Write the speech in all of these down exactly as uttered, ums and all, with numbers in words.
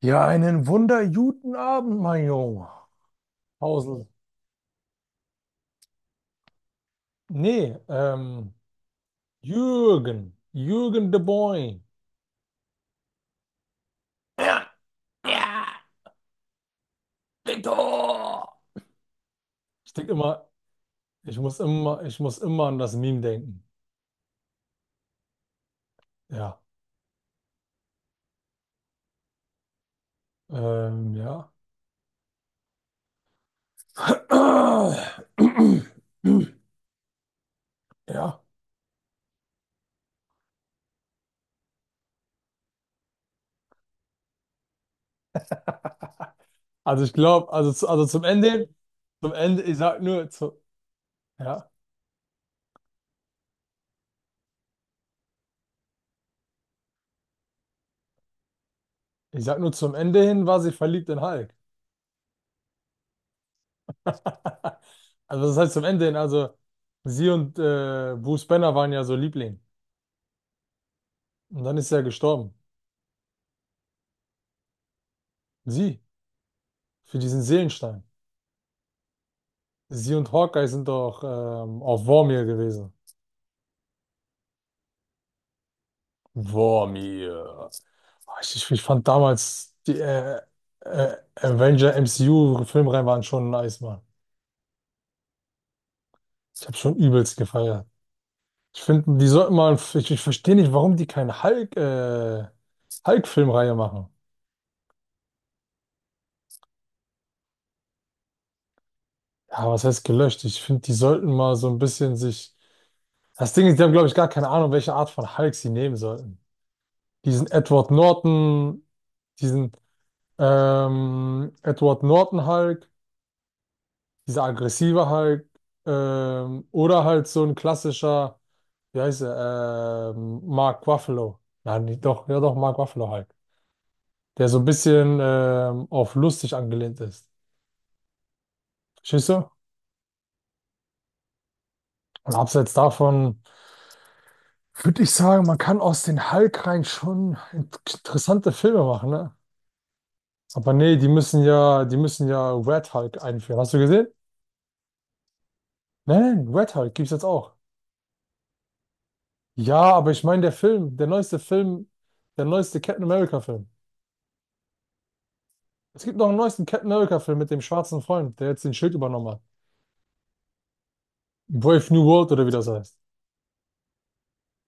Ja, einen wunderguten Abend, mein Junge. Hausel. Nee, ähm, Jürgen. Jürgen de Boy. Ja, ja, Victor! Ich denk immer, ich muss immer, ich muss immer an das Meme denken. Ja. Ähm, ja. Ja. Also ich glaube, also, zu- also zum Ende, zum Ende, ich sag nur, zu, ja, ich sag nur zum Ende hin war sie verliebt in Hulk. Also das heißt zum Ende hin, also sie und äh, Bruce Banner waren ja so Liebling. Und dann ist er gestorben. Sie, für diesen Seelenstein. Sie und Hawkeye sind doch ähm, auf Vormir gewesen. Vormir. Oh, Ich, ich, ich fand damals, die äh, äh, Avenger M C U-Filmreihen waren schon nice, Mann. Ich habe schon übelst gefeiert. Ich finde, die sollten mal, ich, ich verstehe nicht, warum die keine Hulk, äh, Hulk-Filmreihe machen. Ja, was heißt gelöscht? Ich finde, die sollten mal so ein bisschen sich. Das Ding ist, die haben, glaube ich, gar keine Ahnung, welche Art von Hulk sie nehmen sollten. Diesen Edward Norton, diesen ähm, Edward Norton Hulk, dieser aggressive Hulk, ähm, oder halt so ein klassischer, wie heißt er, ähm, Mark Ruffalo. Nein, nicht, doch, ja doch, Mark Ruffalo Hulk. Der so ein bisschen ähm, auf lustig angelehnt ist. Verstehst du? Und abseits davon. Würde ich sagen, man kann aus den hulk rein schon interessante Filme machen, ne? Aber nee, die müssen ja, die müssen ja Red Hulk einführen. Hast du gesehen? Nein, nein, Red Hulk gibt's jetzt auch. Ja, aber ich meine, der Film, der neueste Film, der neueste Captain America-Film. Es gibt noch einen neuesten Captain America-Film mit dem schwarzen Freund, der jetzt den Schild übernommen hat. Brave New World oder wie das heißt.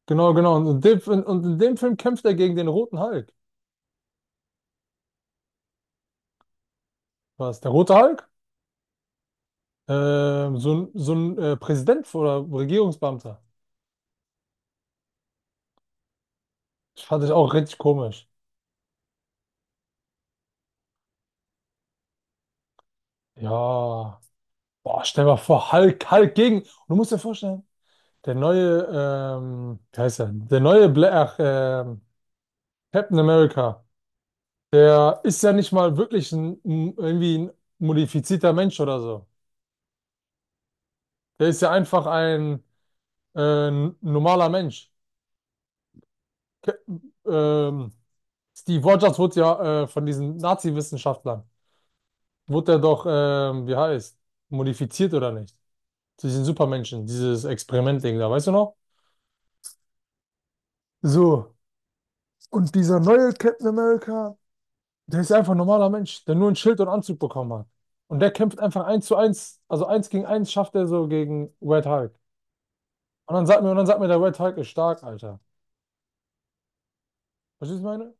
Genau, genau. Und in dem, und in dem Film kämpft er gegen den roten Hulk. Was? Der rote Hulk? Ähm, so ein, so ein äh, Präsident oder Regierungsbeamter. Das fand ich auch richtig komisch. Ja, boah, stell mal vor, Hulk, Hulk gegen. Und du musst dir vorstellen, der neue, ähm, wie heißt er? Der neue Bla ach, ähm, Captain America, der ist ja nicht mal wirklich ein, ein- irgendwie ein modifizierter Mensch oder so. Der ist ja einfach ein äh, normaler Mensch. Ke- Ähm, Steve Rogers wurde ja äh, von diesen Nazi-Wissenschaftlern wurde er doch, ähm, wie heißt, modifiziert oder nicht? Durch den Supermenschen, dieses Experiment-Ding da, weißt du noch? So. Und dieser neue Captain America, der ist einfach ein normaler Mensch, der nur ein Schild und Anzug bekommen hat. Und der kämpft einfach eins zu eins, also eins gegen eins schafft er so gegen Red Hulk. Und dann sagt mir, und dann sagt mir, der Red Hulk ist stark, Alter. Verstehst du, was ich meine?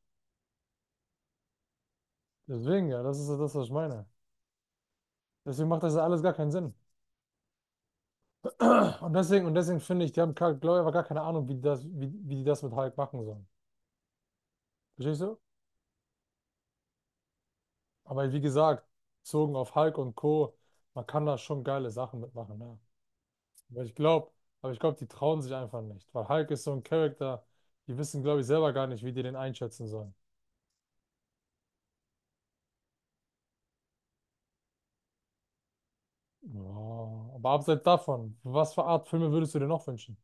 Deswegen, ja, das ist ja das, was ich meine. Deswegen macht das ja alles gar keinen Sinn. Und deswegen, und deswegen finde ich, die haben, glaube ich, aber gar keine Ahnung, wie das, wie, wie die das mit Hulk machen sollen. Verstehst du? Aber wie gesagt, bezogen auf Hulk und Co., man kann da schon geile Sachen mitmachen, ne? Aber ich glaube, aber ich glaube, die trauen sich einfach nicht, weil Hulk ist so ein Charakter, die wissen, glaube ich, selber gar nicht, wie die den einschätzen sollen. Ja, aber abseits davon, was für Art Filme würdest du dir noch wünschen?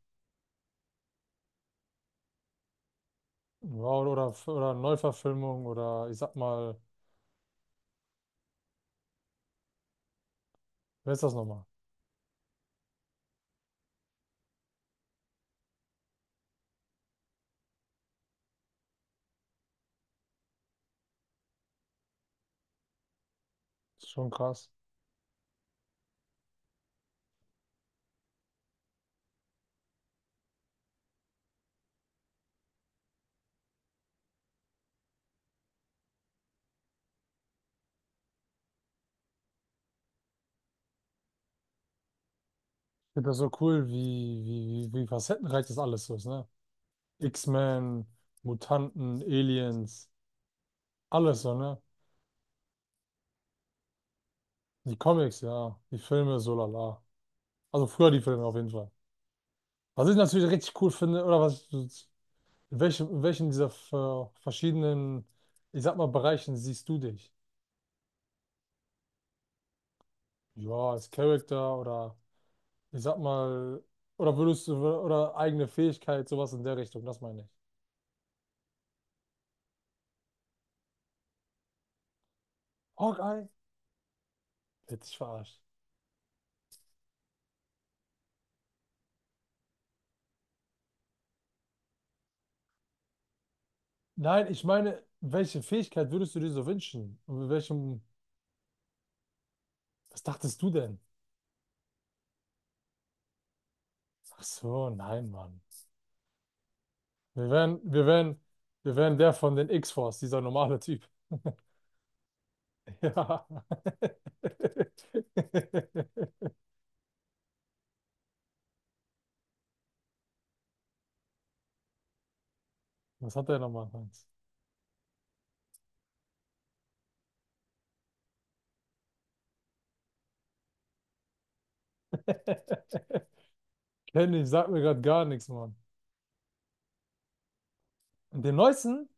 Ja, oder, oder Neuverfilmung oder ich sag mal, wer ist das nochmal? Ist schon krass. Ich finde das so cool, wie, wie, wie, wie facettenreich das alles so ist, ne? X-Men, Mutanten, Aliens, alles so, ne? Die Comics, ja. Die Filme, so lala. Also früher die Filme auf jeden Fall. Was ich natürlich richtig cool finde, oder was, in welchem, in welchen dieser ver- verschiedenen, ich sag mal, Bereichen siehst du dich? Ja, als Charakter oder ich sag mal, oder würdest du, oder eigene Fähigkeit, sowas in der Richtung, das meine ich. Hawkeye? Hätte ich verarscht. Nein, ich meine, welche Fähigkeit würdest du dir so wünschen? Und mit welchem, was dachtest du denn? Ach so, nein, Mann. Wir wären, wir wären, wir wären der von den X-Force, dieser normale Typ. Ja. Was hat der nochmal, Hans? Kenny, sagt mir gerade gar nichts, Mann. Und den neuesten?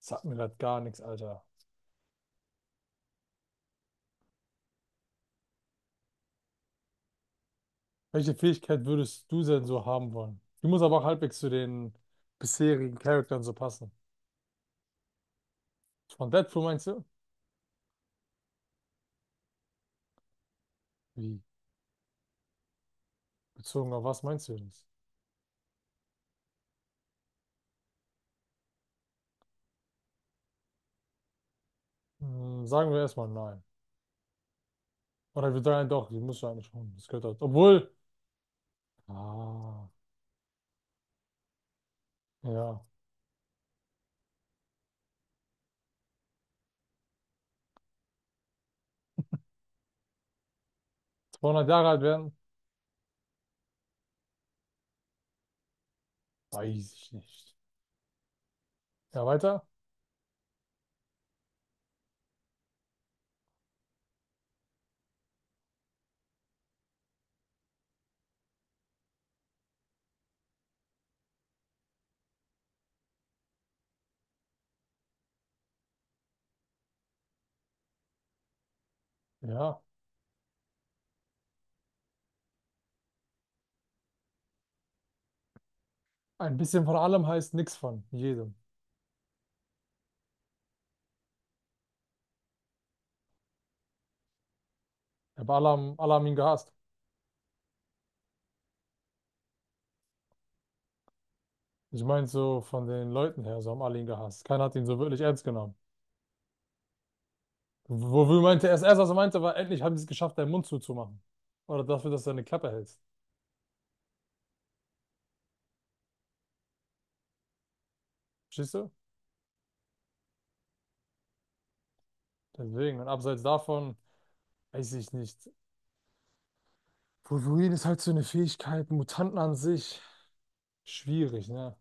Sagt mir gerade gar nichts, Alter. Welche Fähigkeit würdest du denn so haben wollen? Die muss aber auch halbwegs zu den bisherigen Charaktern so passen. Von Deadpool meinst du? Wie? Bezogen auf was meinst du das? Hm, sagen wir erstmal nein. Oder wir sagen doch, die musst du eigentlich schon. Das gehört halt. Obwohl. Ah. Ja, zweihundert Jahre alt werden? Weiß ich nicht. Ja, weiter? Ja. Ein bisschen von allem heißt nichts von jedem. Aber alle haben, alle haben ihn gehasst. Ich meine so von den Leuten her, so haben alle ihn gehasst. Keiner hat ihn so wirklich ernst genommen. Wofür meinte er es erst, was er meinte, war, endlich haben sie es geschafft, deinen Mund zuzumachen. Oder dafür, dass du deine Klappe hältst. Verstehst du? Deswegen. Und abseits davon, weiß ich nicht. Wolverine ist halt so eine Fähigkeit, Mutanten an sich. Schwierig, ne?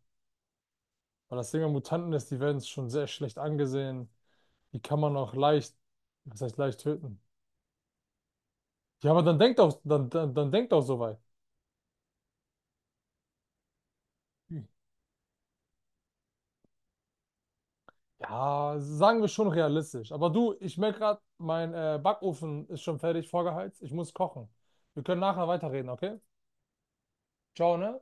Weil das Ding an Mutanten ist, die werden schon sehr schlecht angesehen. Die kann man auch leicht, was heißt leicht töten? Ja, aber dann denkt auch, dann, dann, dann denkt auch so weit. Hm. Ja, sagen wir schon realistisch. Aber du, ich merke gerade, mein äh, Backofen ist schon fertig vorgeheizt. Ich muss kochen. Wir können nachher weiterreden, okay? Ciao, ne?